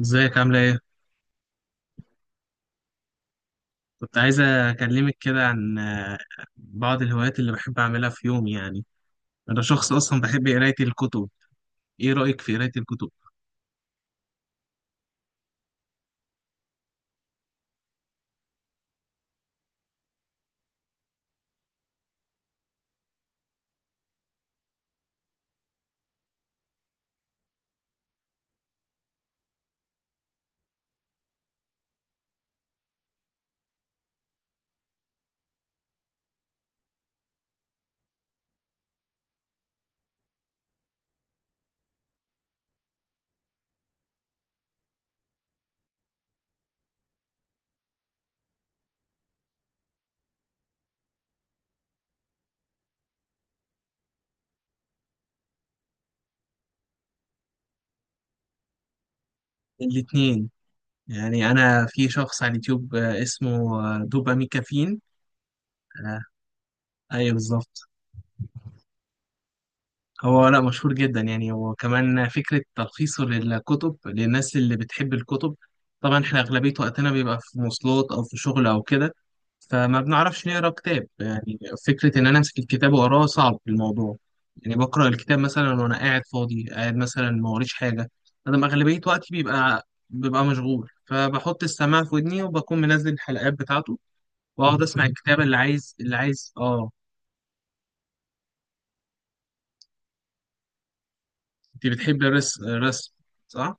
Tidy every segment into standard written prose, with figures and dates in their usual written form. ازيك عاملة ايه؟ كنت عايزة أكلمك كده عن بعض الهوايات اللي بحب أعملها في يومي. يعني أنا شخص أصلا بحب قراية الكتب. ايه رأيك في قراية الكتب؟ الاتنين. يعني أنا في شخص على اليوتيوب، اسمه دوباميكافين. آه، أيوه بالظبط. هو، لا، مشهور جدا. يعني هو كمان فكرة تلخيصه للكتب للناس اللي بتحب الكتب. طبعا احنا أغلبية وقتنا بيبقى في مواصلات أو في شغل أو كده، فما بنعرفش نقرا كتاب يعني. فكرة إن أنا أمسك الكتاب وأقراه صعب في الموضوع. يعني بقرأ الكتاب مثلا وأنا قاعد فاضي، قاعد مثلا ما وريش حاجة. أنا أغلبية وقتي ببقى مشغول، فبحط السماعة في ودني وبكون منزل الحلقات بتاعته وأقعد أسمع الكتاب اللي عايز. أنت بتحب الرسم، صح؟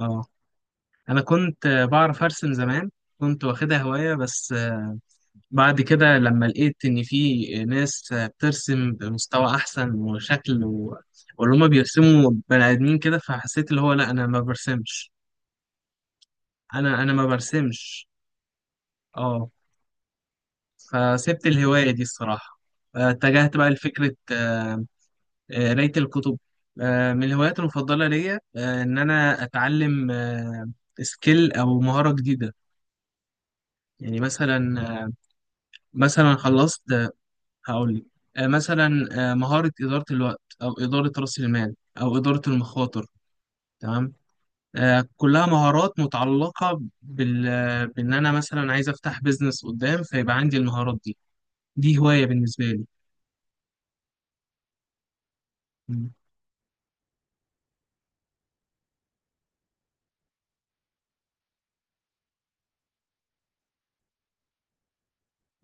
آه انا كنت بعرف ارسم زمان. كنت واخدها هواية، بس بعد كده لما لقيت ان في ناس بترسم بمستوى احسن وشكل واللي هما بيرسموا بني ادمين كده، فحسيت اللي هو لا، انا ما برسمش. انا ما برسمش. اه فسبت الهواية دي الصراحة. اتجهت بقى لفكرة قراية الكتب. من الهوايات المفضلة ليا ان انا اتعلم سكيل او مهارة جديدة. يعني مثلا، مثلا خلصت. هقول لك، مثلا مهارة إدارة الوقت أو إدارة رأس المال أو إدارة المخاطر. تمام، كلها مهارات متعلقة بال... آه، بإن أنا مثلا عايز أفتح بيزنس قدام، فيبقى عندي المهارات دي. دي هواية بالنسبة لي. مم.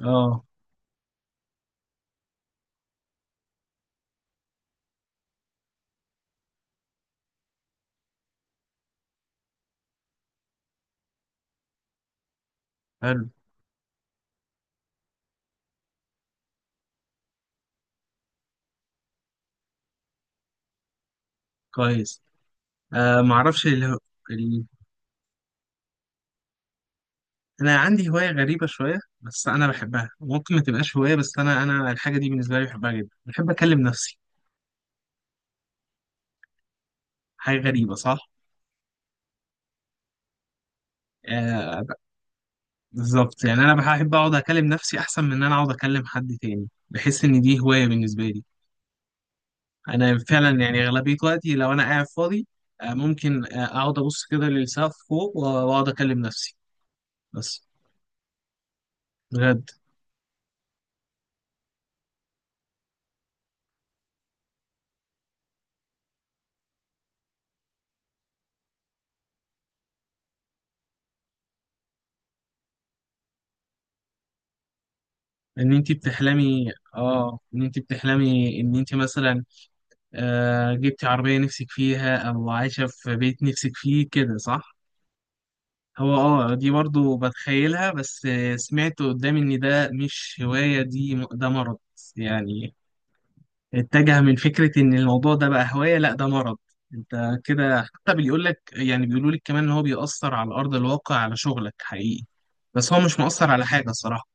آه، حلو. كويس. آه معرفش ال... أنا عندي هواية غريبة شوية، بس أنا بحبها. ممكن ما تبقاش هواية، بس أنا الحاجة دي بالنسبة لي بحبها جدا. بحب أكلم نفسي. حاجة غريبة، صح؟ آه، بالظبط. يعني انا بحب اقعد اكلم نفسي احسن من ان انا اقعد اكلم حد تاني. بحس ان دي هوايه بالنسبه لي. انا فعلا يعني اغلبيه وقتي لو انا قاعد فاضي، ممكن اقعد ابص كده للسقف فوق واقعد اكلم نفسي بس. بجد. ان انت بتحلمي ان انت مثلا جبتي عربيه نفسك فيها او عايشه في بيت نفسك فيه كده، صح. هو، دي برضو بتخيلها، بس سمعت قدامي ان ده مش هوايه. دي، ده مرض يعني. اتجه من فكرة إن الموضوع ده بقى هواية. لأ، ده مرض. أنت كده حتى بيقول لك، يعني بيقولوا لك كمان إن هو بيأثر على أرض الواقع، على شغلك حقيقي. بس هو مش مؤثر على حاجة صراحة.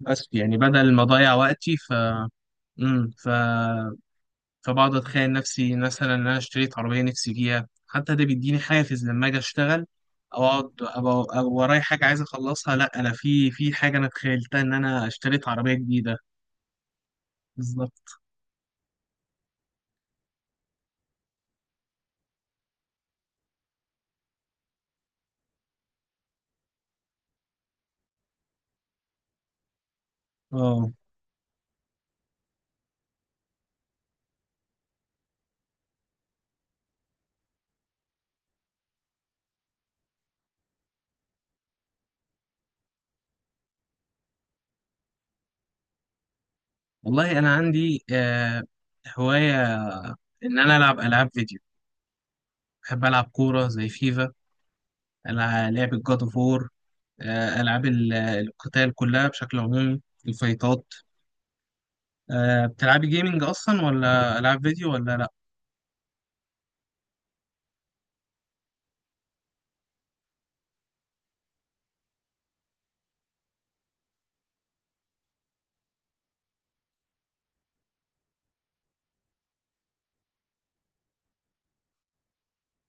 بس يعني بدل ما أضيع وقتي ف مم. ف فبقعد أتخيل نفسي مثلا إن أنا اشتريت عربية نفسي فيها، حتى ده بيديني حافز لما أجي أشتغل، أو أقعد أبقى ورايا حاجة عايز أخلصها. لأ أنا في حاجة أنا تخيلتها، إن أنا اشتريت عربية جديدة. بالظبط. اه، والله انا عندي هوايه ان انا العب العاب فيديو. بحب العب كوره زي فيفا. لعبه جاد اوف وور، العاب القتال كلها بشكل عمومي، الفايتات. بتلعبي جيمنج اصلا ولا العاب فيديو ولا لا؟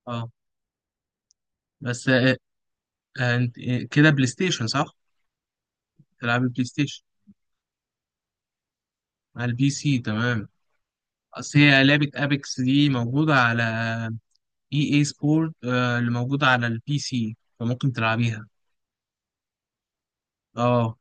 اه، بس، كده بلاي ستيشن صح؟ بتلعبي بلاي ستيشن على البي سي، تمام. اصل هي لعبه ابيكس دي موجوده على اي اي سبورت، اللي موجوده على البي سي، فممكن تلعبيها. اه،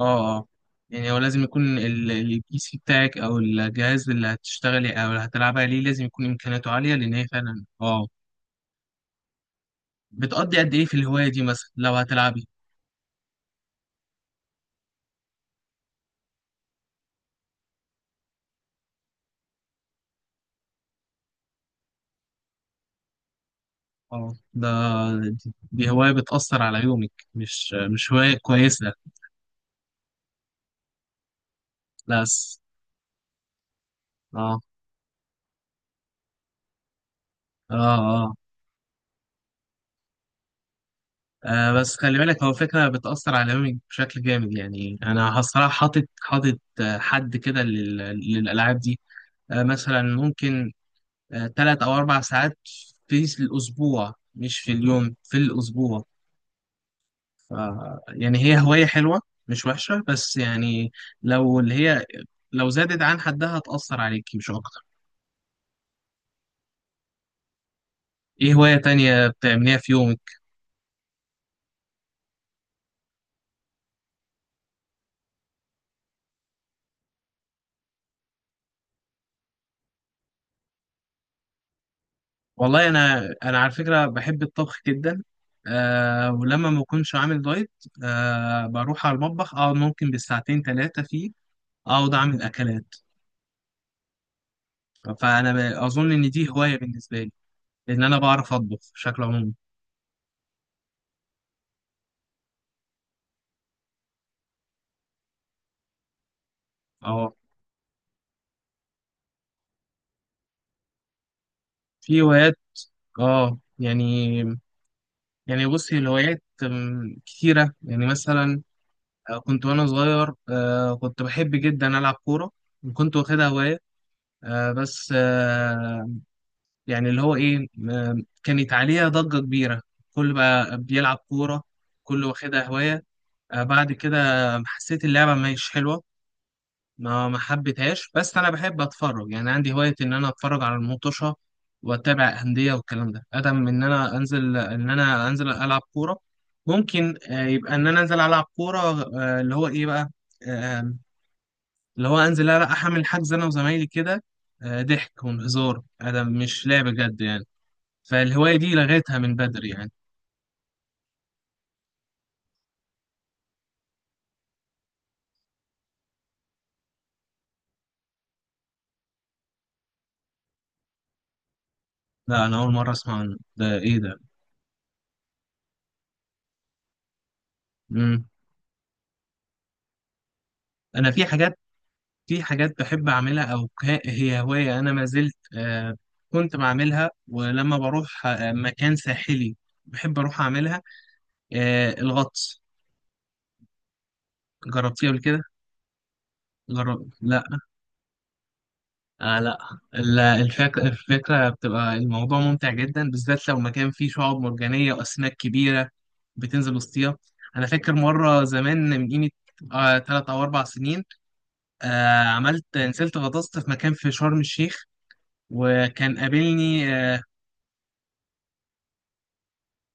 اه، اه. يعني هو لازم يكون البي سي بتاعك او الجهاز اللي هتشتغلي او اللي هتلعبي عليه لازم يكون امكانياته عاليه، لان هي فعلا. اه. بتقضي قد ايه في الهوايه دي مثلا لو هتلعبي؟ اه، ده، دي هوايه بتاثر على يومك، مش هوايه كويسه بس. اه، اه، اه. بس خلي بالك، هو فكرة بتأثر على يومك بشكل جامد. يعني أنا الصراحة حاطط حد كده للألعاب دي. مثلا ممكن 3 أو 4 ساعات في الأسبوع، مش في اليوم، في الأسبوع. ف يعني هي هواية حلوة، مش وحشة، بس يعني لو اللي هي لو زادت عن حدها هتأثر عليكي مش أكتر. إيه هواية تانية بتعمليها في يومك؟ والله أنا على فكرة بحب الطبخ جدا. ولما ما بكونش عامل دايت بروح على المطبخ، أقعد ممكن بالساعتين ثلاثة فيه، أقعد أعمل أكلات. فأنا أظن إن دي هواية بالنسبة لي، إن أنا بعرف أطبخ بشكل عمومي. أو في هوايات، اه يعني يعني بصي، الهوايات كتيرة. يعني مثلا كنت وانا صغير، كنت بحب جدا ألعب كورة وكنت واخدها هواية. آه، بس آه، يعني اللي هو ايه، كانت عليها ضجة كبيرة، كل بقى بيلعب كورة، كل واخدها هواية. بعد كده حسيت اللعبة مش حلوة، ما حبيتهاش. بس انا بحب اتفرج. يعني عندي هوايه ان انا اتفرج على المطوشه واتابع انديه والكلام ده ادم من ان انا انزل العب كوره. ممكن يبقى ان انا انزل العب كوره، اللي هو ايه بقى، آه، اللي هو انزل احمل حجز انا وزمايلي كده، ضحك وهزار ادم مش لعب جد يعني. فالهوايه دي لغيتها من بدري يعني. لا، انا اول مره اسمع عن ده، ايه ده؟ مم. انا في حاجات بحب أعملها، أو هي هواية أنا ما زلت كنت بعملها، ولما بروح مكان ساحلي بحب أروح أعملها. الغطس. جربتيه قبل كده؟ لا. آه، لا. الفكرة بتبقى الموضوع ممتع جدا، بالذات لو مكان فيه شعاب مرجانية وأسماك كبيرة بتنزل وسطيها. أنا فاكر مرة زمان من قيمة، 3 أو 4 سنين، عملت، نزلت غطست في مكان في شرم الشيخ، وكان قابلني. آه،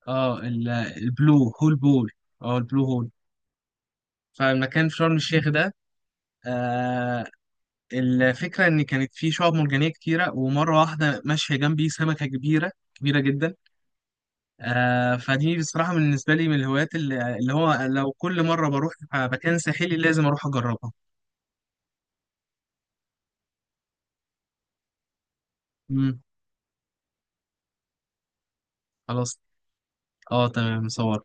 اه ال- البلو هول. بول اه البلو هول فالمكان في شرم الشيخ ده. آه الفكرة إن كانت فيه شعاب مرجانية كتيرة، ومرة واحدة ماشية جنبي سمكة كبيرة كبيرة جدا. آه، فدي بصراحة بالنسبة لي من الهوايات اللي هو، لو كل مرة بروح مكان ساحلي لازم أروح أجربها. مم. خلاص، اه تمام. صور.